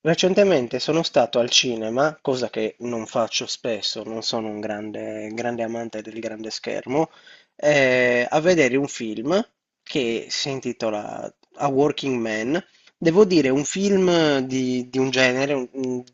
Recentemente sono stato al cinema, cosa che non faccio spesso, non sono un grande amante del grande schermo, a vedere un film che si intitola A Working Man. Devo dire, un film di un genere, un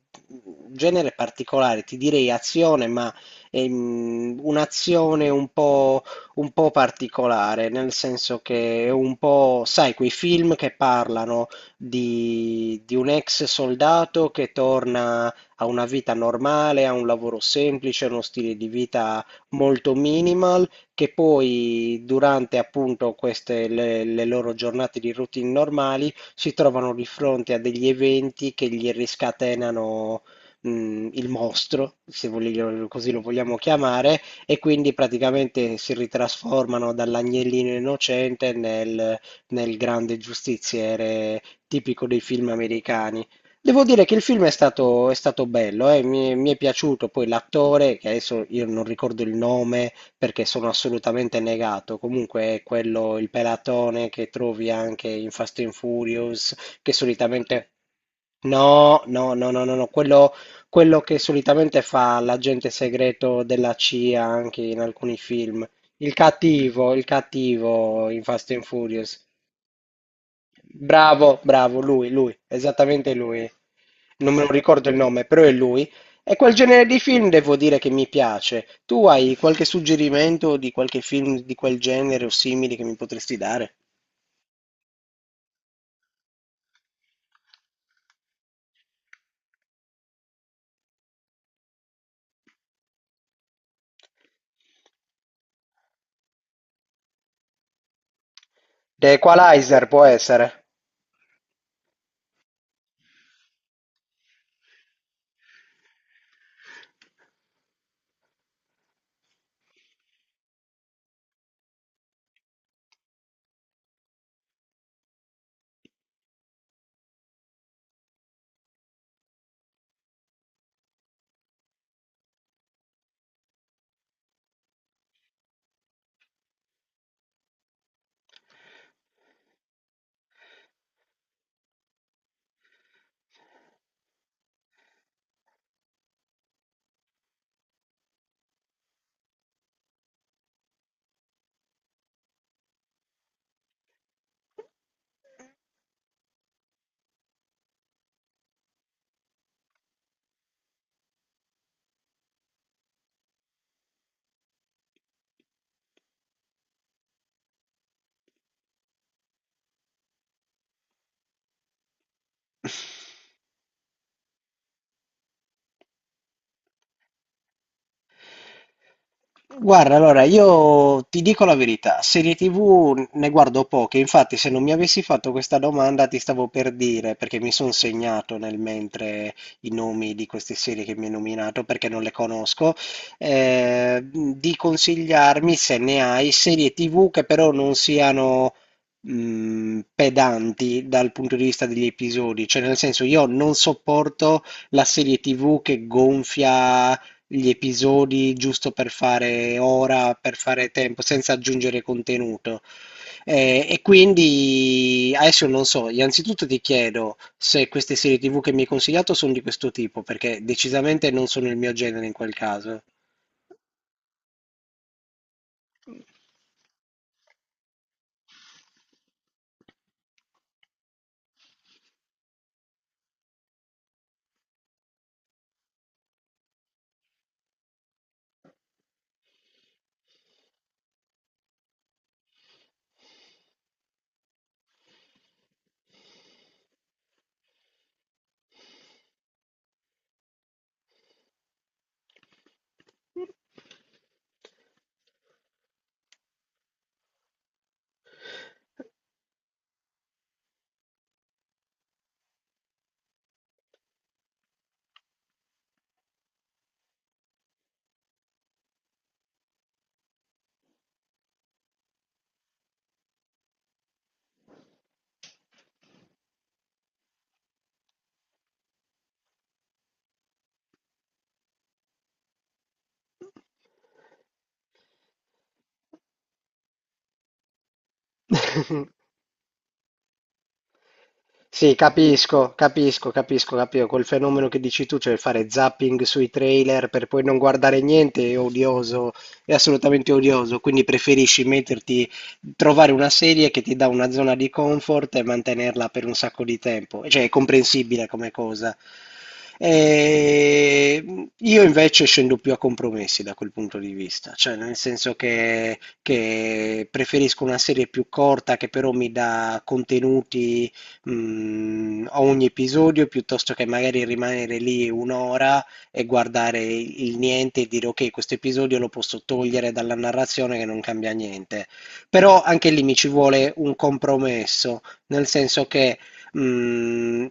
genere particolare, ti direi azione, ma un'azione un po' particolare, nel senso che è un po', sai, quei film che parlano di un ex soldato che torna a una vita normale, a un lavoro semplice, a uno stile di vita molto minimal, che poi durante appunto queste le loro giornate di routine normali si trovano di fronte a degli eventi che gli riscatenano. Il mostro, se voglio- così lo vogliamo chiamare, e quindi praticamente si ritrasformano dall'agnellino innocente nel grande giustiziere tipico dei film americani. Devo dire che il film è stato bello, mi è piaciuto poi l'attore, che adesso io non ricordo il nome perché sono assolutamente negato, comunque è quello, il pelatone che trovi anche in Fast and Furious, che solitamente... No, no, no, no, no, no, quello che solitamente fa l'agente segreto della CIA anche in alcuni film. Il cattivo in Fast and Furious. Bravo, bravo, lui, esattamente lui. Non me lo ricordo il nome, però è lui. E quel genere di film devo dire che mi piace. Tu hai qualche suggerimento di qualche film di quel genere o simili che mi potresti dare? The Equalizer può essere. Guarda, allora io ti dico la verità, serie TV ne guardo poche, infatti se non mi avessi fatto questa domanda ti stavo per dire, perché mi sono segnato nel mentre i nomi di queste serie che mi hai nominato, perché non le conosco, di consigliarmi se ne hai serie TV che però non siano pedanti dal punto di vista degli episodi, cioè nel senso io non sopporto la serie TV che gonfia gli episodi giusto per fare ora, per fare tempo, senza aggiungere contenuto. E quindi adesso non so, innanzitutto ti chiedo se queste serie TV che mi hai consigliato sono di questo tipo, perché decisamente non sono il mio genere in quel caso. Sì, capisco. Quel fenomeno che dici tu, cioè fare zapping sui trailer per poi non guardare niente, è odioso, è assolutamente odioso. Quindi preferisci metterti, trovare una serie che ti dà una zona di comfort e mantenerla per un sacco di tempo. Cioè, è comprensibile come cosa. E io invece scendo più a compromessi da quel punto di vista, cioè nel senso che preferisco una serie più corta che però mi dà contenuti ogni episodio piuttosto che magari rimanere lì un'ora e guardare il niente e dire ok, questo episodio lo posso togliere dalla narrazione che non cambia niente. Però anche lì mi ci vuole un compromesso, nel senso che, mh,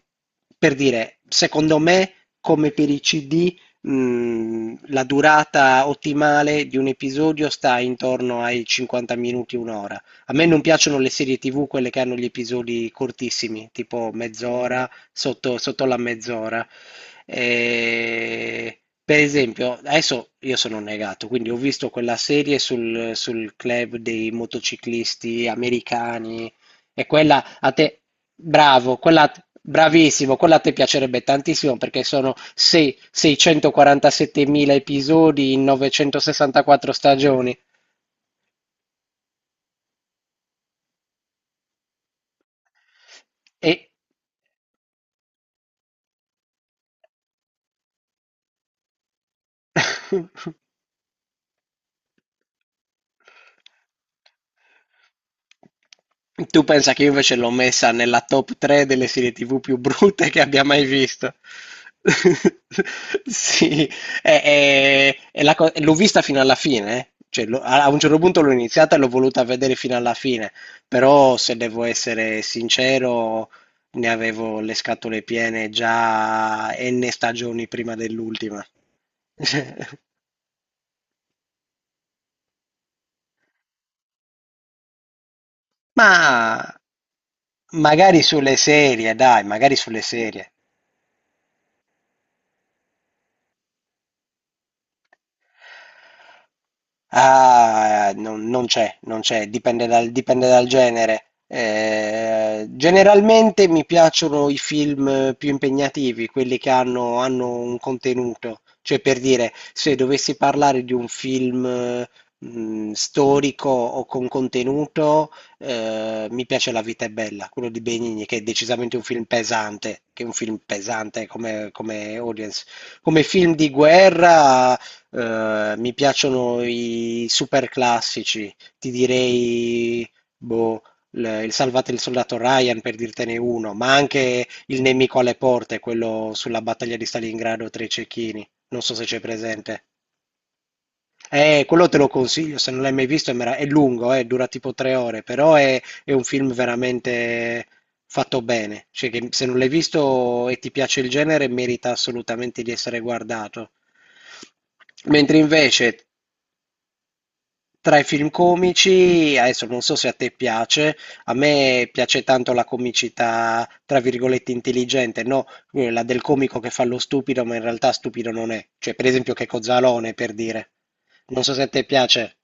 per dire, secondo me, come per i CD, la durata ottimale di un episodio sta intorno ai 50 minuti, un'ora. A me non piacciono le serie TV, quelle che hanno gli episodi cortissimi, tipo mezz'ora, sotto la mezz'ora. E, per esempio, adesso io sono negato, quindi ho visto quella serie sul club dei motociclisti americani e quella a te, bravo, quella, bravissimo, quella a te piacerebbe tantissimo perché 647.000 episodi in 964 stagioni. E... Tu pensa che io invece l'ho messa nella top 3 delle serie TV più brutte che abbia mai visto. Sì, l'ho vista fino alla fine, eh. Cioè, a un certo punto l'ho iniziata e l'ho voluta vedere fino alla fine, però se devo essere sincero, ne avevo le scatole piene già n stagioni prima dell'ultima. Ma magari sulle serie, dai, magari sulle serie. Ah, non c'è, non c'è, dipende dal genere. Generalmente mi piacciono i film più impegnativi, quelli hanno un contenuto. Cioè, per dire, se dovessi parlare di un film, storico o con contenuto, mi piace La vita è bella, quello di Benigni, che è decisamente un film pesante, che è un film pesante come audience. Come film di guerra mi piacciono i super classici, ti direi boh, il Salvate il soldato Ryan per dirtene uno, ma anche Il nemico alle porte, quello sulla battaglia di Stalingrado tra i cecchini. Non so se c'è presente. Quello te lo consiglio, se non l'hai mai visto è, è lungo, dura tipo 3 ore, però è un film veramente fatto bene. Cioè che se non l'hai visto e ti piace il genere, merita assolutamente di essere guardato. Mentre invece tra i film comici, adesso non so se a te piace, a me piace tanto la comicità, tra virgolette, intelligente, no? Quella del comico che fa lo stupido, ma in realtà stupido non è. Cioè, per esempio, Checco Zalone, per dire. Non so se a te piace.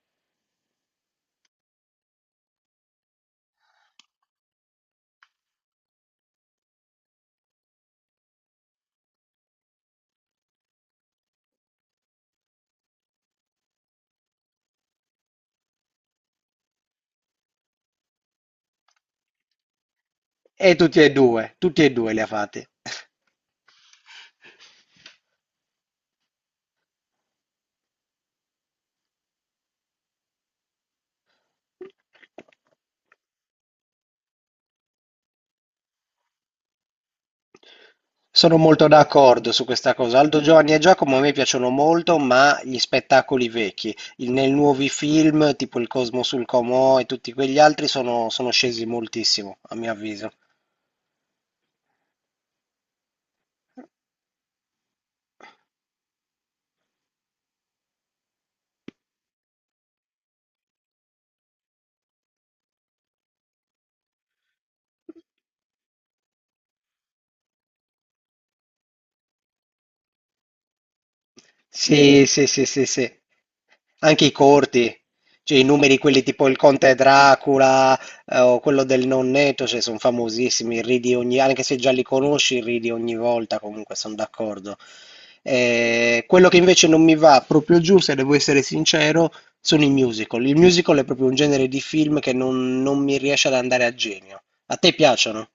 E tutti e due li ha fatti. Sono molto d'accordo su questa cosa. Aldo Giovanni e Giacomo a me piacciono molto, ma gli spettacoli vecchi, i nei nuovi film, tipo Il Cosmo sul Comò e tutti quegli altri, sono scesi moltissimo, a mio avviso. Sì. Anche i corti, cioè i numeri, quelli tipo il Conte Dracula o quello del Nonnetto, cioè sono famosissimi, anche se già li conosci, ridi ogni volta, comunque sono d'accordo. Quello che invece non mi va proprio giù, se devo essere sincero, sono i musical. Il musical è proprio un genere di film che non mi riesce ad andare a genio. A te piacciono?